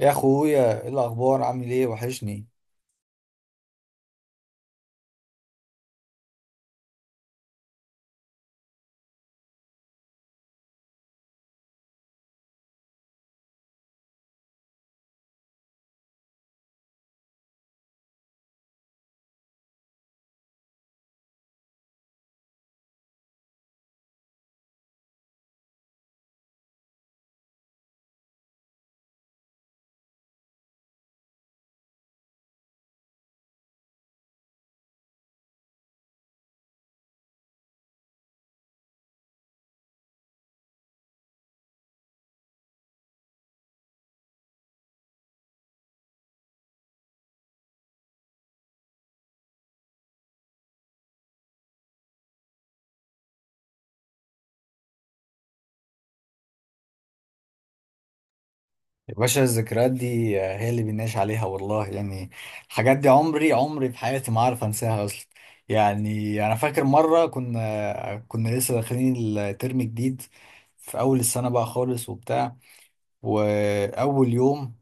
يا اخويا ايه الاخبار؟ عامل ايه؟ وحشني يا باشا. الذكريات دي آه، هي اللي بنعيش عليها والله. يعني الحاجات دي عمري في حياتي ما عارف انساها اصلا. يعني انا فاكر مره كنا لسه داخلين الترم جديد في اول السنه بقى خالص وبتاع، واول يوم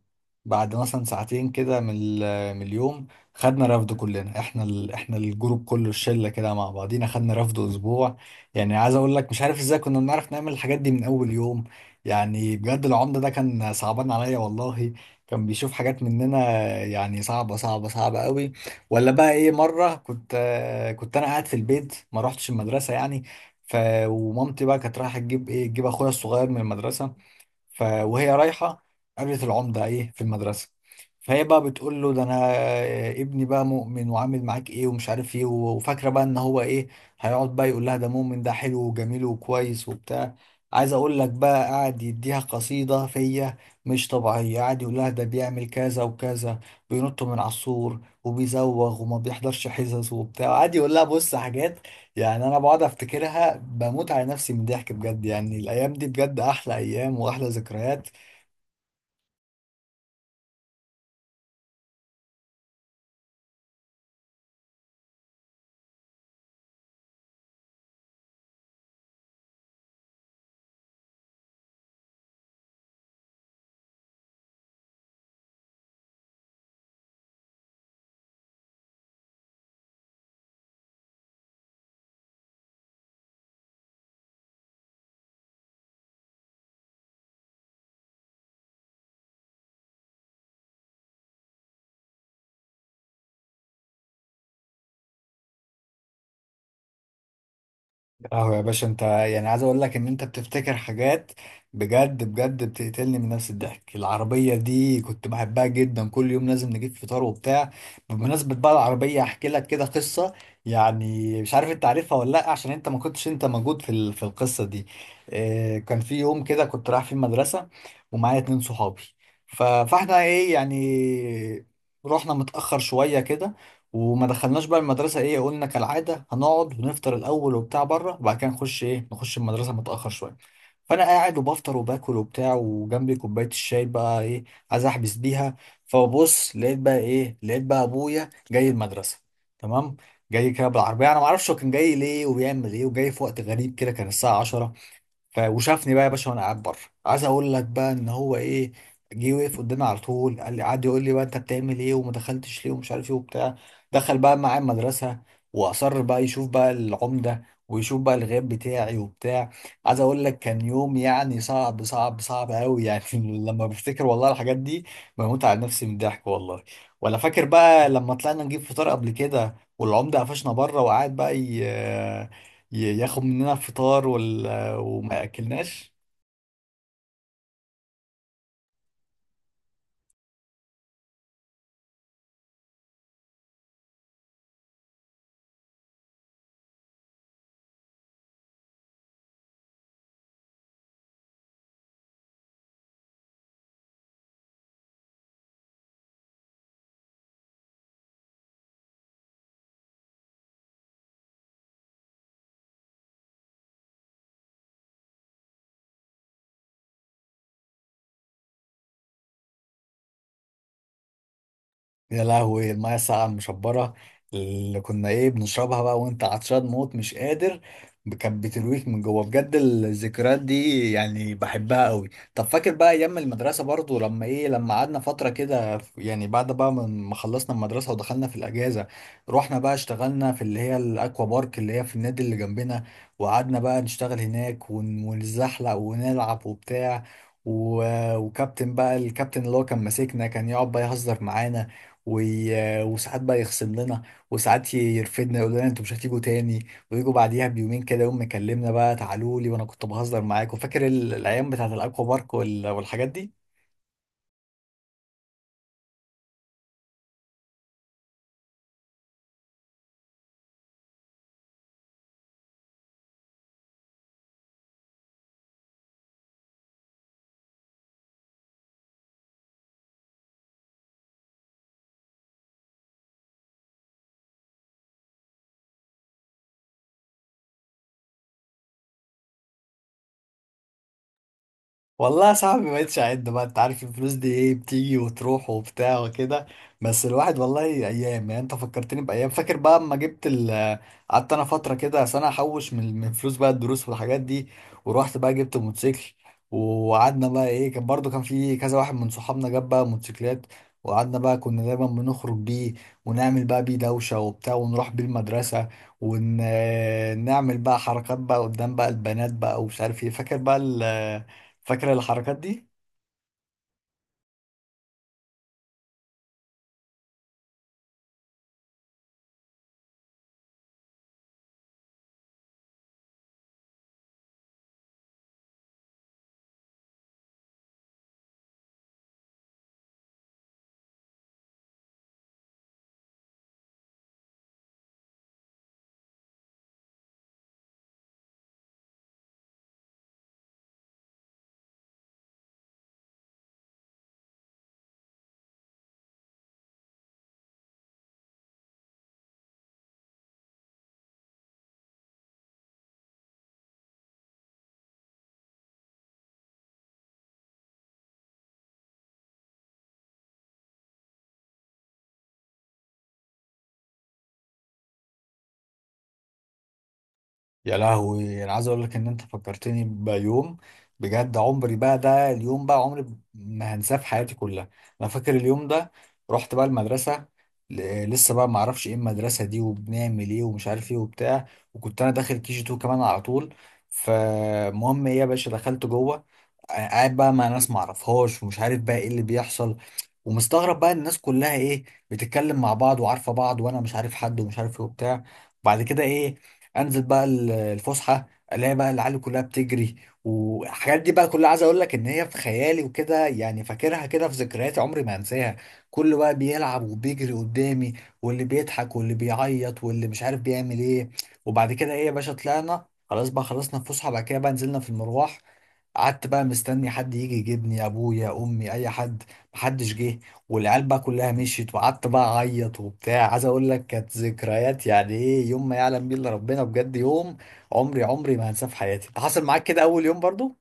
بعد مثلا ساعتين كده من اليوم خدنا رفد كلنا، احنا احنا الجروب كله، الشله كده مع بعضينا خدنا رفد اسبوع. يعني عايز اقول لك مش عارف ازاي كنا بنعرف نعمل الحاجات دي من اول يوم. يعني بجد العمده ده كان صعبان عليا والله، كان بيشوف حاجات مننا يعني صعبه صعبه صعبه قوي. ولا بقى ايه، مره كنت انا قاعد في البيت، ما روحتش المدرسه يعني. ف ومامتي بقى كانت رايحه تجيب ايه، تجيب اخويا الصغير من المدرسه. وهي رايحة قابلت العمدة ايه في المدرسة، فهي بقى بتقول له ده انا ابني بقى مؤمن وعامل معاك ايه ومش عارف ايه، وفاكرة بقى ان هو ايه، هيقعد بقى يقول لها ده مؤمن ده حلو وجميل وكويس وبتاع. عايز اقول لك بقى قاعد يديها قصيدة فيا مش طبيعية، قاعد يقول لها ده بيعمل كذا وكذا، بينط من على السور وبيزوغ وما بيحضرش حصص وبتاع، قاعد يقول لها بص حاجات. يعني انا بقعد افتكرها بموت على نفسي من الضحك بجد. يعني الايام دي بجد احلى ايام واحلى ذكريات. اه يا باشا، انت يعني عايز اقول لك ان انت بتفتكر حاجات بجد بجد بتقتلني من نفس الضحك. العربية دي كنت بحبها جدا، كل يوم لازم نجيب فطار وبتاع. بمناسبة بقى العربية، احكي لك كده قصة. يعني مش عارف انت عارفها ولا لا، عشان انت ما كنتش انت موجود في القصة دي. اه، كان في يوم كده كنت رايح في المدرسة ومعايا اتنين صحابي. ف- فاحنا ايه يعني، رحنا متأخر شوية كده وما دخلناش بقى المدرسة، ايه قلنا كالعادة هنقعد ونفطر الأول وبتاع بره، وبعد كده نخش ايه نخش المدرسة متأخر شوية. فأنا قاعد وبفطر وباكل وبتاع، وجنبي كوباية الشاي بقى ايه عايز أحبس بيها. فببص لقيت بقى ايه، لقيت بقى أبويا جاي المدرسة. تمام، جاي كده بالعربية. أنا معرفش هو كان جاي ليه وبيعمل ايه، وجاي في وقت غريب كده، كان الساعة 10. وشافني بقى يا باشا وانا قاعد بره. عايز اقول لك بقى ان هو ايه، جه وقف قدامي على طول، قال لي قعد يقول لي بقى انت بتعمل ايه وما دخلتش ليه ومش عارف ايه وبتاع. دخل بقى معايا المدرسه، واصر بقى يشوف بقى العمده ويشوف بقى الغياب بتاعي وبتاع. عايز اقول لك كان يوم يعني صعب صعب صعب قوي يعني. لما بفتكر والله الحاجات دي بموت على نفسي من الضحك والله. ولا فاكر بقى لما طلعنا نجيب فطار قبل كده، والعمده قفشنا بره وقعد بقى ياخد مننا الفطار وما اكلناش. يا لهوي، المايه الساقعة المشبرة اللي كنا ايه بنشربها بقى وانت عطشان موت مش قادر، كانت بترويك من جوه بجد. الذكريات دي يعني بحبها قوي. طب فاكر بقى ايام المدرسة برضو لما ايه، لما قعدنا فترة كده يعني بعد بقى ما خلصنا المدرسة ودخلنا في الاجازة، رحنا بقى اشتغلنا في اللي هي الاكوا بارك اللي هي في النادي اللي جنبنا. وقعدنا بقى نشتغل هناك ونزحلق ونلعب وبتاع. و... وكابتن بقى، الكابتن اللي هو كان ماسكنا كان يقعد بقى يهزر معانا وساعات بقى يخصم لنا، وساعات يرفدنا، يقول لنا انتوا مش هتيجوا تاني، ويجوا بعديها بيومين كده يوم مكلمنا بقى تعالوا لي وانا كنت بهزر معاكم. فاكر الايام بتاعت الاكوا بارك والحاجات دي. والله يا صاحبي ما بقتش اعد بقى، انت عارف الفلوس دي ايه بتيجي وتروح وبتاع وكده. بس الواحد والله ايام، يعني انت فكرتني بايام. فاكر بقى اما جبت ال، قعدت انا فتره كده سنه احوش من فلوس بقى الدروس والحاجات دي، ورحت بقى جبت موتوسيكل. وقعدنا بقى ايه، كان برضو كان في كذا واحد من صحابنا جاب بقى موتوسيكلات. وقعدنا بقى كنا دايما بنخرج بيه، ونعمل بقى بيه دوشه وبتاع، ونروح بيه المدرسه، ونعمل بقى حركات بقى قدام بقى البنات بقى ومش عارف ايه. فاكر بقى، فاكرة الحركات دي؟ يا لهوي، انا عايز اقول لك ان انت فكرتني بيوم بجد، عمري بقى، ده اليوم بقى عمري ما هنساه في حياتي كلها. انا فاكر اليوم ده، رحت بقى المدرسه، لسه بقى ما اعرفش ايه المدرسه دي وبنعمل ايه ومش عارف ايه وبتاع. وكنت انا داخل كي جي 2 كمان، على طول فالمهم ايه يا باشا دخلت جوه. آه، قاعد بقى مع ناس ما اعرفهاش ومش عارف بقى ايه اللي بيحصل، ومستغرب بقى إن الناس كلها ايه بتتكلم مع بعض وعارفه بعض، وانا مش عارف حد ومش عارف ايه وبتاع. بعد كده ايه، انزل بقى الفسحه، الاقي بقى العيال كلها بتجري. والحاجات دي بقى كلها عايز اقول لك ان هي في خيالي وكده، يعني فاكرها كده في ذكرياتي عمري ما هنساها. كله بقى بيلعب وبيجري قدامي، واللي بيضحك واللي بيعيط واللي مش عارف بيعمل ايه. وبعد كده ايه يا باشا طلعنا، خلاص بقى خلصنا الفسحه، بعد كده بقى نزلنا في المروح. قعدت بقى مستني حد يجي يجيبني، ابويا، امي، اي حد، محدش جه. والعيال بقى كلها مشيت، وقعدت بقى اعيط وبتاع. عايز اقول لك كانت ذكريات يعني ايه، يوم ما يعلم بيه الا ربنا بجد، يوم عمري ما هنساه في حياتي. انت حصل معاك كده اول يوم برضو؟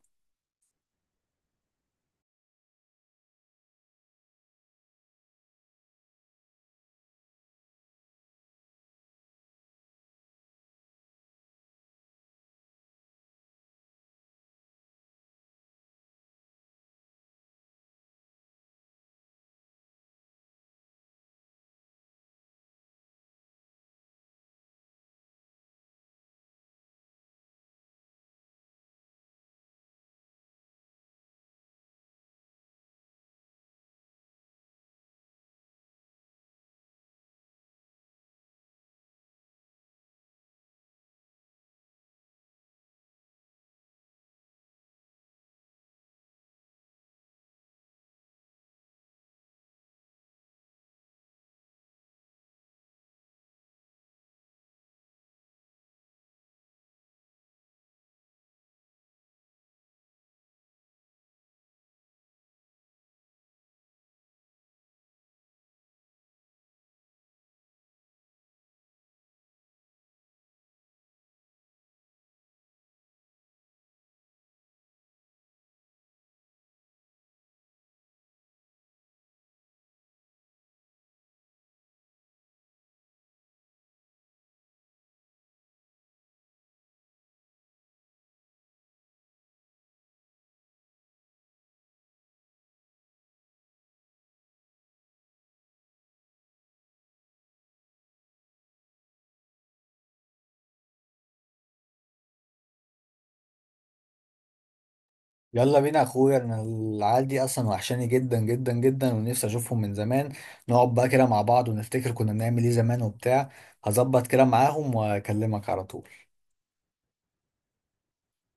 يلا بينا يا اخويا، انا العيال دي اصلا وحشاني جدا جدا جدا ونفسي اشوفهم من زمان. نقعد بقى كده مع بعض ونفتكر كنا بنعمل ايه زمان وبتاع. هظبط كده معاهم واكلمك على طول.